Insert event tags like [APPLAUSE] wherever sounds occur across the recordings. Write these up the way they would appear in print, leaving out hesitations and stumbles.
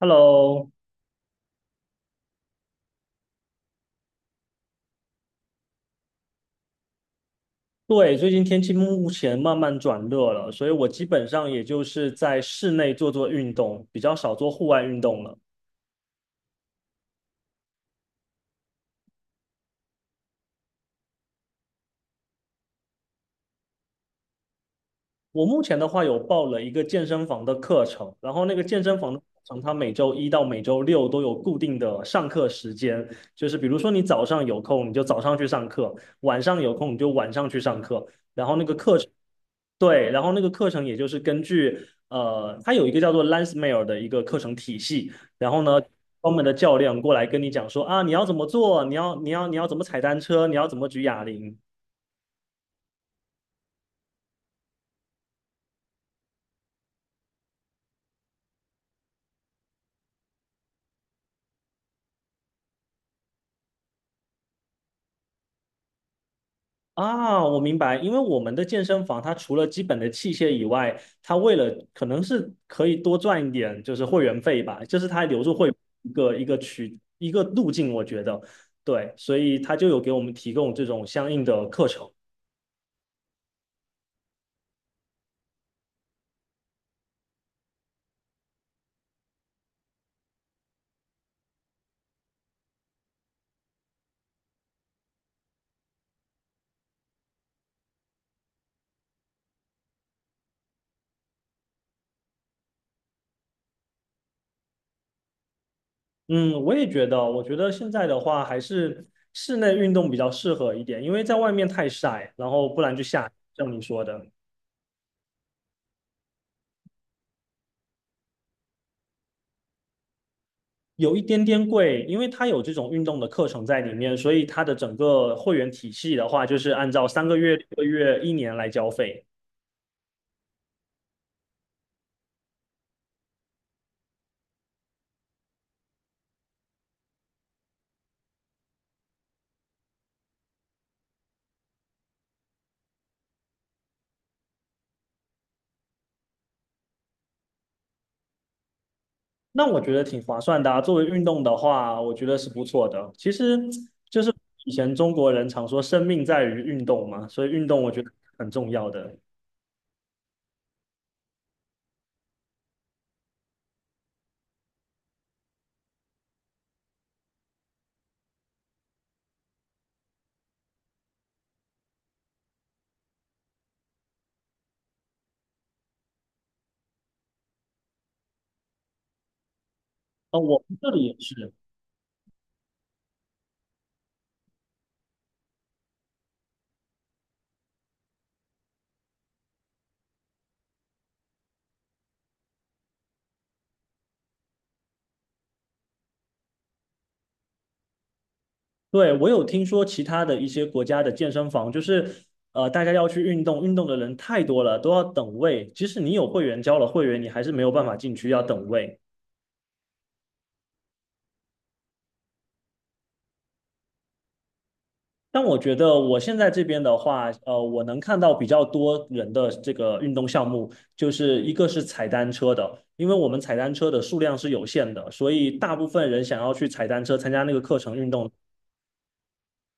Hello，对，最近天气目前慢慢转热了，所以我基本上也就是在室内做做运动，比较少做户外运动了。我目前的话有报了一个健身房的课程，然后那个健身房的课程它每周一到每周六都有固定的上课时间，就是比如说你早上有空你就早上去上课，晚上有空你就晚上去上课，然后那个课程。对，然后那个课程也就是根据它有一个叫做 Lansmeyer 的一个课程体系，然后呢，专门的教练过来跟你讲说啊，你要怎么做，你要怎么踩单车，你要怎么举哑铃啊，我明白，因为我们的健身房它除了基本的器械以外，它为了可能是可以多赚一点就是会员费吧，就是它留住会员一个路径，我觉得对，所以它就有给我们提供这种相应的课程。嗯，我也觉得，我觉得现在的话还是室内运动比较适合一点，因为在外面太晒，然后不然就下雨像你说的，有一点点贵，因为它有这种运动的课程在里面，所以它的整个会员体系的话，就是按照3个月、6个月、一年来交费，那我觉得挺划算的啊。作为运动的话，我觉得是不错的。其实就是以前中国人常说“生命在于运动”嘛，所以运动我觉得很重要的。哦，我们这里也是。对，我有听说其他的一些国家的健身房，就是大家要去运动，运动的人太多了，都要等位。即使你有会员交了会员，你还是没有办法进去，要等位。但我觉得我现在这边的话，我能看到比较多人的这个运动项目，就是一个是踩单车的，因为我们踩单车的数量是有限的，所以大部分人想要去踩单车参加那个课程运动，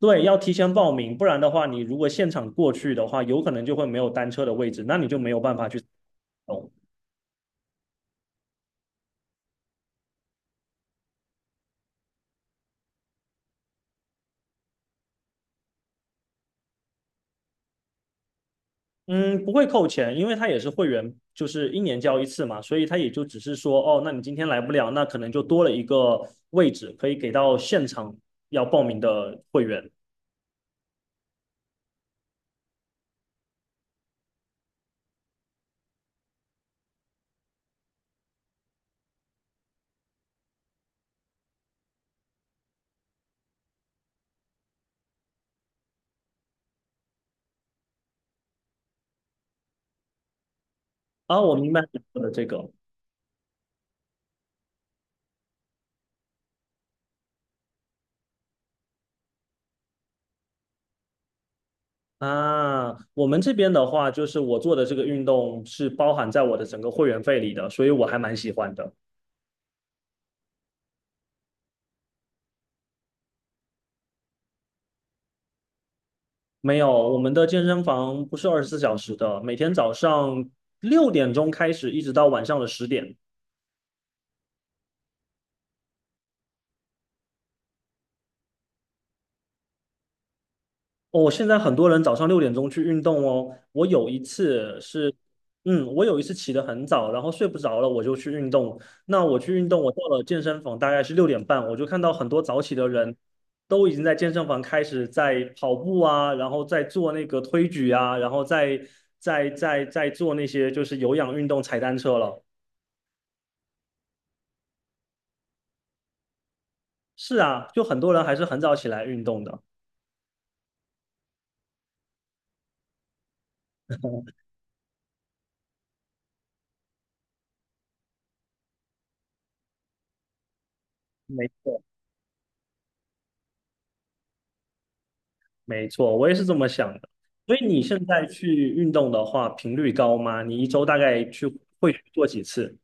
对，要提前报名，不然的话，你如果现场过去的话，有可能就会没有单车的位置，那你就没有办法去哦，嗯，不会扣钱，因为他也是会员，就是一年交一次嘛，所以他也就只是说，哦，那你今天来不了，那可能就多了一个位置可以给到现场要报名的会员。啊，我明白你说的这个啊，我们这边的话，就是我做的这个运动是包含在我的整个会员费里的，所以我还蛮喜欢的。没有，我们的健身房不是24小时的，每天早上六点钟开始，一直到晚上的10点。哦，现在很多人早上六点钟去运动哦。我有一次起得很早，然后睡不着了，我就去运动。那我去运动，我到了健身房大概是6点半，我就看到很多早起的人都已经在健身房开始在跑步啊，然后在做那个推举啊，然后在做那些就是有氧运动、踩单车了。是啊，就很多人还是很早起来运动的。没错。没错，我也是这么想的。所以你现在去运动的话，频率高吗？你一周大概去会去做几次？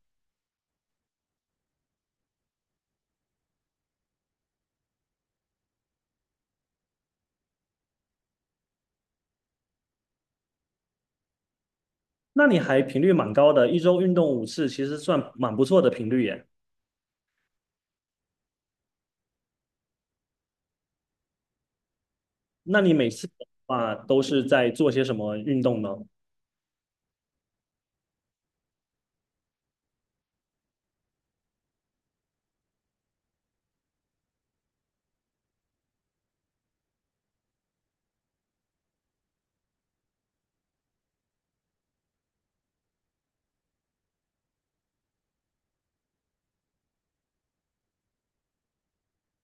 那你还频率蛮高的，一周运动5次，其实算蛮不错的频率耶。那你每次的话都是在做些什么运动呢？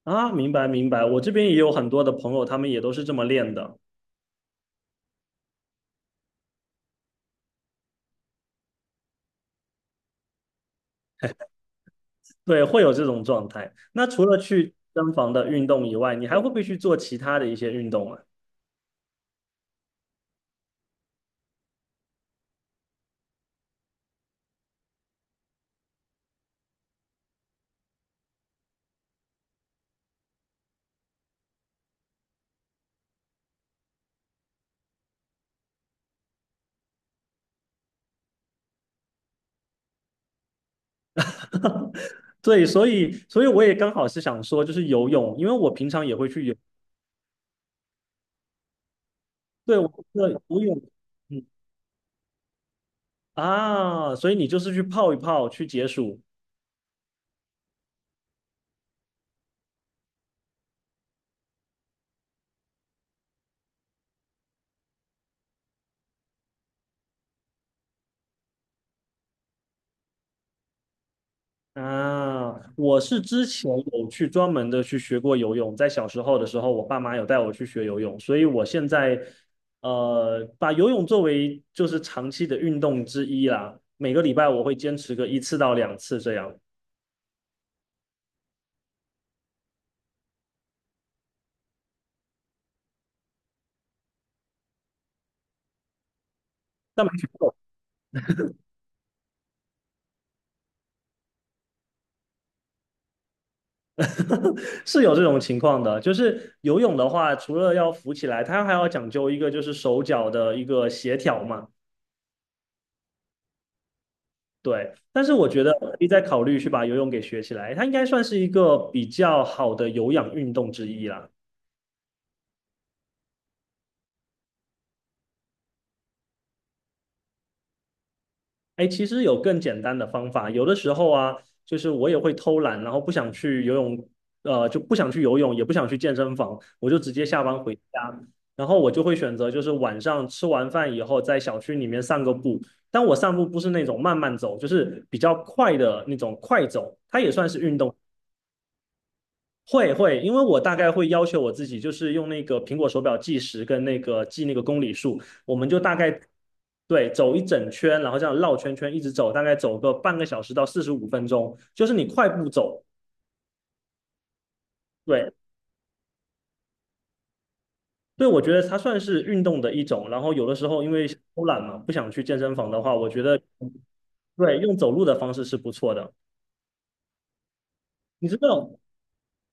啊，明白明白，我这边也有很多的朋友，他们也都是这么练的，对，会有这种状态。那除了去健身房的运动以外，你还会不会去做其他的一些运动啊？[LAUGHS] 哈，对，所以我也刚好是想说，就是游泳，因为我平常也会去游，对，我对游泳，嗯啊，所以你就是去泡一泡，去解暑啊。我是之前有去专门的去学过游泳，在小时候的时候，我爸妈有带我去学游泳，所以我现在把游泳作为就是长期的运动之一啦，每个礼拜我会坚持个1次到2次这样，但蛮久 [LAUGHS] 是有这种情况的，就是游泳的话，除了要浮起来，它还要讲究一个就是手脚的一个协调嘛。对，但是我觉得可以再考虑去把游泳给学起来，它应该算是一个比较好的有氧运动之一啦。哎，其实有更简单的方法。有的时候啊，就是我也会偷懒，然后不想去游泳，就不想去游泳，也不想去健身房，我就直接下班回家。然后我就会选择，就是晚上吃完饭以后，在小区里面散个步。但我散步不是那种慢慢走，就是比较快的那种快走，它也算是运动，会会，因为我大概会要求我自己，就是用那个苹果手表计时跟那个记那个公里数，我们就大概对走一整圈，然后这样绕圈圈一直走，大概走个半个小时到45分钟，就是你快步走。对对，我觉得它算是运动的一种。然后有的时候因为偷懒嘛，不想去健身房的话，我觉得对用走路的方式是不错的。你知道，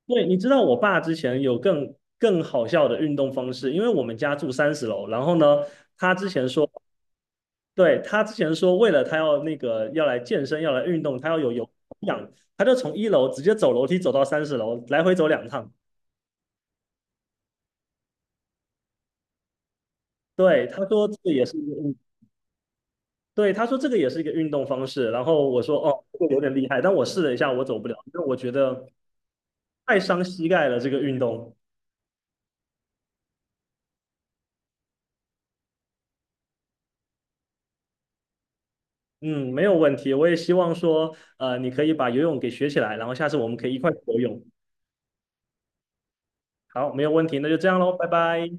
对，你知道我爸之前有更好笑的运动方式，因为我们家住三十楼，然后呢，他之前说。对，他之前说，为了他要那个要来健身，要来运动，他要有氧，他就从1楼直接走楼梯走到三十楼，来回走2趟。对，他说这个也是一个运，对，他说这个也是一个运动方式。然后我说哦，这个有点厉害，但我试了一下，我走不了，因为我觉得太伤膝盖了这个运动。嗯，没有问题，我也希望说，你可以把游泳给学起来，然后下次我们可以一块去游泳。好，没有问题，那就这样喽，拜拜。